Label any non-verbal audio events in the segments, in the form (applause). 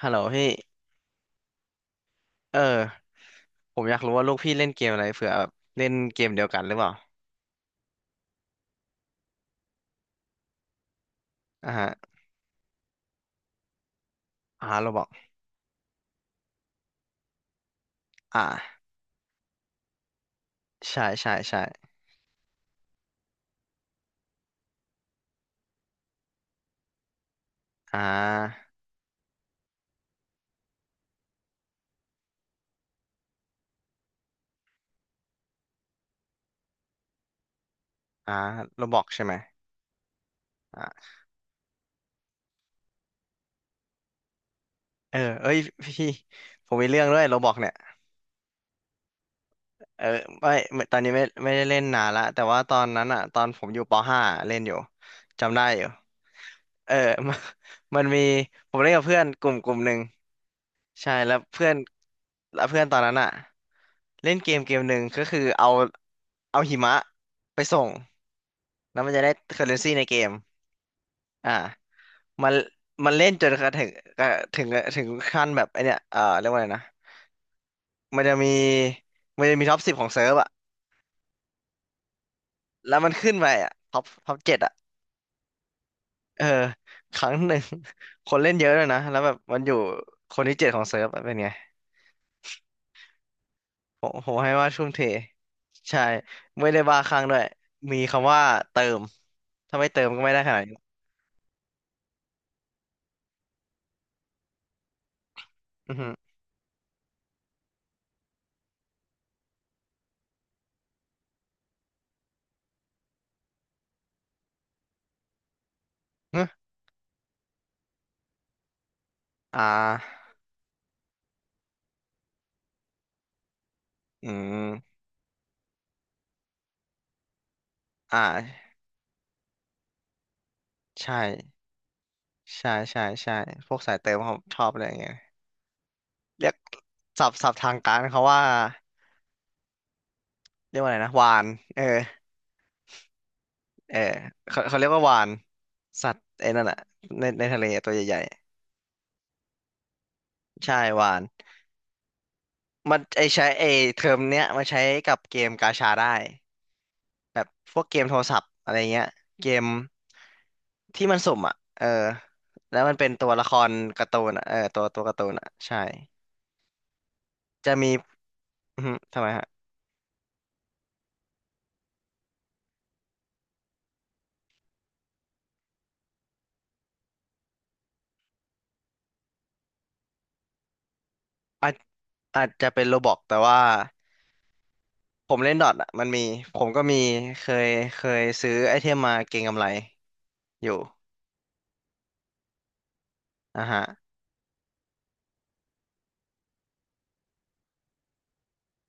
ฮัลโหลพี่เออผมอยากรู้ว่าลูกพี่เล่นเกมอะไรเผื่อแบบเล่นเกมเดียวกันหรือเปล่าอ่าฮะอ่าโรบอกอ่าใช่ใช่ใช่อ่าอ่าโรบอกใช่ไหมอ่าเออเอ้ยพี่ผมมีเรื่องด้วยโรบอกเนี่ยเออไม่ไม่ตอนนี้ไม่ไม่ได้เล่นนานละแต่ว่าตอนนั้นอ่ะตอนผมอยู่ปห้าเล่นอยู่จำได้อยู่เออ (laughs) มันมันผมเล่นกับเพื่อนกลุ่มหนึ่งใช่แล้วเพื่อนแล้วเพื่อนตอนนั้นอ่ะเล่นเกมหนึ่งก็คือเอาเอาหิมะไปส่ง แล้วมันจะได้เคอร์เรนซีในเกมอ่ามันมันเล่นจนกระถึงกระถึงถึงขั้นแบบไอเนี้ยเรียกว่าอะไรนะมันจะมีมันจะมีท็อปสิบของเซิร์ฟอะแล้วมันขึ้นไปอะท็อปเจ็ดอะเออครั้งหนึ่ง (laughs) คนเล่นเยอะเลยนะแล้วแบบมันอยู่คนที่เจ็ดของเซิร์ฟอะเป็นไงผมให้ว่าทุ่มเทใช่ไม่ได้บ้าคลั่งด้วย มีคำว่าเติมถ้าไม่เติมก็ไม่ได้ขนาดนี้อือฮึอ่าอืมอ่าใช่ ใช่ใช่ใช่พวกสายเติมเขาชอบอะไรอย่างเงี้ยเรียกศัพท์ทางการเขาว่าเรียกว่าอะไรนะวานเออเออเขาเรียกว่าวานสัตว์ไอ้นั่นแหละในทะเลตัวใหญ่ๆใช่วานมันไอใช้ไอเทอมเนี้ยมันใช้กับเกมกาชาได้แบบพวกเกมโทรศัพท์อะไรเงี้ยเกมที่มันสุ่มอ่ะเออแล้วมันเป็นตัวละครการ์ตูนอะเออตัวตัวการ์ตูนอ่ะใช่จะมีอือฮึทำไมฮะอาจอาจจะเป็นโรบอกแต่ว่า ผมเล่นดอทอ่ะมันมีผมก็มีเคยเคยซื้อไอเทมมาเก็งกำไรอยู่อ่ะฮะ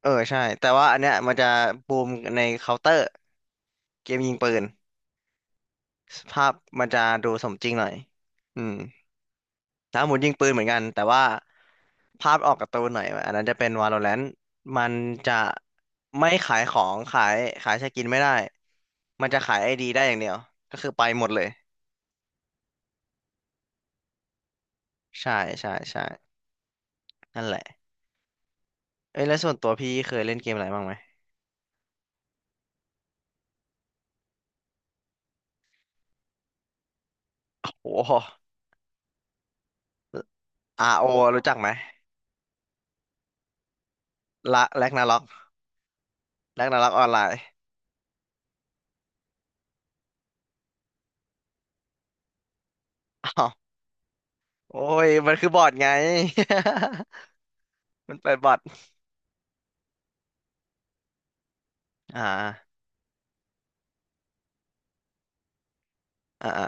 เออใช่แต่ว่าอันเนี้ยมันจะบูมในเคาน์เตอร์เกมยิงปืนภาพมันจะดูสมจริงหน่อยอืมถ้าหมุนยิงปืนเหมือนกันแต่ว่าภาพออกการ์ตูนหน่อยอันนั้นจะเป็น Valorant มันจะไม่ขายของขายขายสกินไม่ได้มันจะขายไอดีได้อย่างเดียวก็คือไปหมดเลยใช่ใช่ใช่นั่นแหละ เอ้ยแล้วส่วนตัวพี่เคยเล่นเกมอะไรบ้างไหมโอ้โห RO รโอรู้จักไหมละแร็กนาร็อกแร็กนาร็อกออนไลน์อ้าวโอ้ยมันคือบอทไง (laughs) มันเปิดบอทอ่าอ่าอ่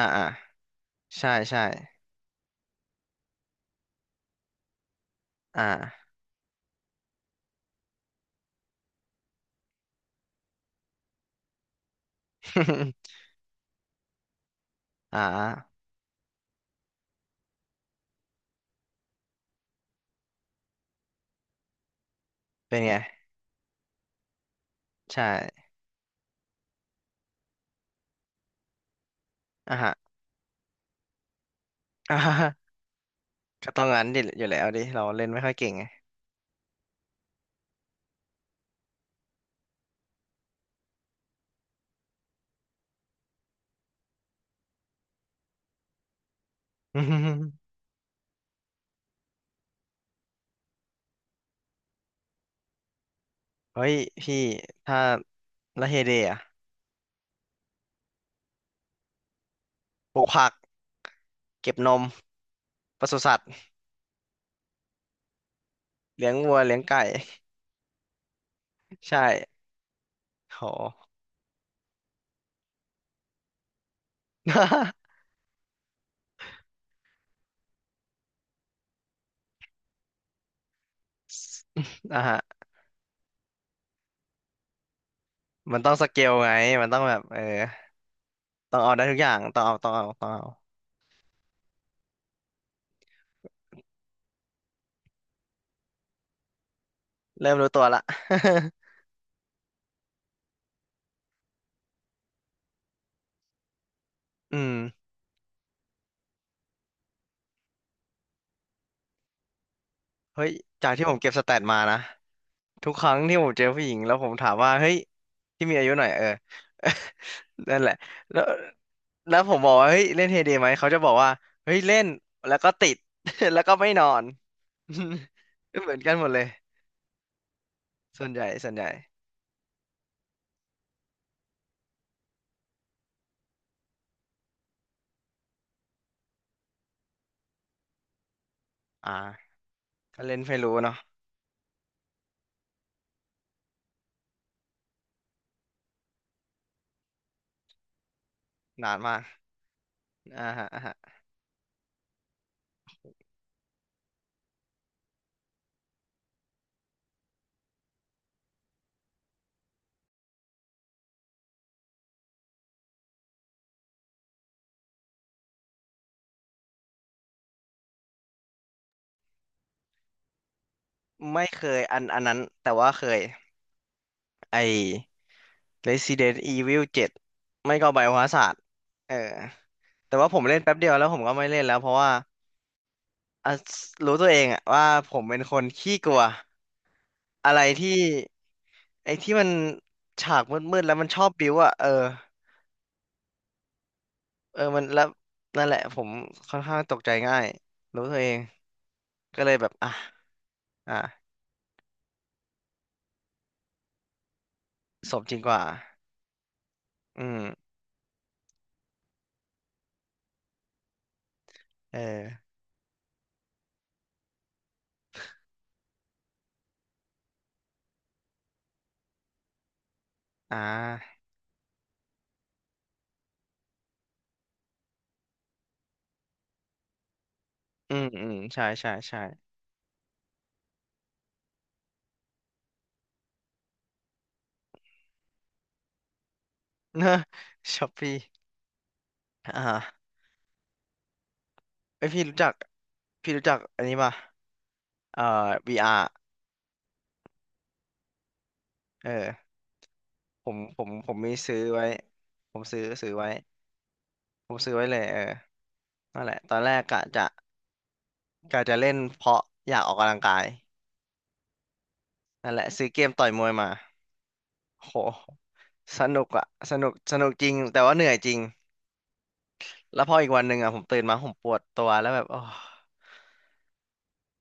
าอ่าใช่ใช่อ่า (laughs) อ่าเป็นไงใช่อ่าฮะ (laughs) อ่าฮะก็ต้องงั้นดิอยู่แล้วดิเราเล่นไม่ค่อยเก่งไง (laughs) เฮ้ยพี่ถ้าละเฮเดอะปลูกผักเก็บนมปศุสัตว์เลี้ยงวัวเลี้ยงไก่ (laughs) ใช่ โห (laughs) อ่ะฮะมันต้องสเกลไงมันต้องแบบเออต้องเอาได้ทุกอย่างต้องเอาเริ่มรู้ตัวละ (laughs) อืมเฮ้ยจากที่ผมเก็บสแตทมานะทุกครั้งที่ผมเจอผู้หญิงแล้วผมถามว่าเฮ้ยที่มีอายุหน่อยเออ (laughs) นั่นแหละแล้วแล้วผมบอกว่าเฮ้ยเล่นเฮเดไหมเขาจะบอกว่าเฮ้ยเล่นแล้วก็ติด (laughs) แล้วก็ไม่นอน (laughs) เหมือนกันหมดเลยส่วนใหญ่อ่าก็เล่นไฟรู้เนาะนานมาก อ่าฮะอ่าฮะไม่เคยอันนั้นแต่ว่าเคยไอ้ Resident Evil 7ไม่ก็ Biohazard ศาสตร์เออแต่ว่าผมเล่นแป๊บเดียวแล้วผมก็ไม่เล่นแล้วเพราะว่าอ่ะรู้ตัวเองอะว่าผมเป็นคนขี้กลัวอะไรที่ไอ้ที่มันฉากมืดๆแล้วมันชอบบิ้วอะเออเออมันแล้วนั่นแหละผมค่อนข้างตกใจง่ายรู้ตัวเองก็เลยแบบอ่ะอ่ะสมจริงกว่าอืมเอออ่าอืมอืมใช่ใช่ใช่ (laughs) เนอะช้อปปี้อ่าไอยพี่รู้จักพี่รู้จักอันนี้ป่ะเอ่อ VR เออผมมีซื้อไว้ผมซื้อไว้ผมซื้อไว้เลยเออนั่นแหละตอนแรกกะจะเล่นเพราะอยากออกกำลังกายนั่นแหละซื้อเกมต่อยมวยมาโหสนุกอะสนุกจริงแต่ว่าเหนื่อยจริงแล้วพออีกวันหนึ่งอะผมตื่นมาผมปวดตัวแล้วแบบโอ้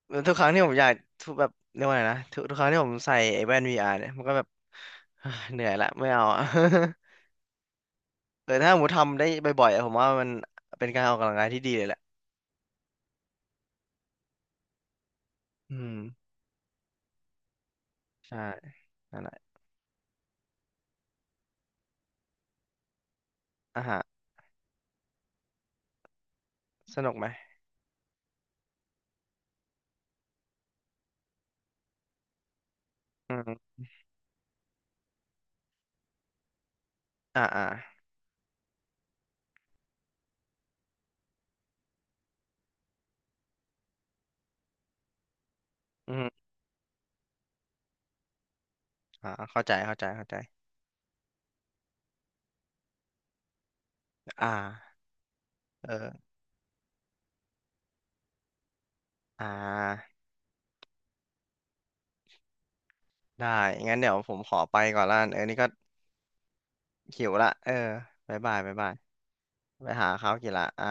แล้วทุกครั้งที่ผมอยากทุกแบบเรียกว่าไงนะทุกครั้งที่ผมใส่ไอ้แว่น VR เนี่ยมันก็แบบ (sighs) เฮ้ยเหนื่อยละไม่เอาอะ (laughs) เออถ้าผมทำได้บ่อยๆอะผมว่ามันเป็นการออกกำลังกายที่ดีเลยแหละอืมใช่นั่นแหละอ่ะฮะสนุกไหมอืมอ่าอ่าอืมอ่าเข้าใจเข้าใจเข้าใจอ่าเอออ่าได้งั้นเดี๋ยวผมขอไปก่อนละกันเออนี่ก็หิวละเออบ๊ายบายบ๊ายบายไปหาข้าวกินละอ่า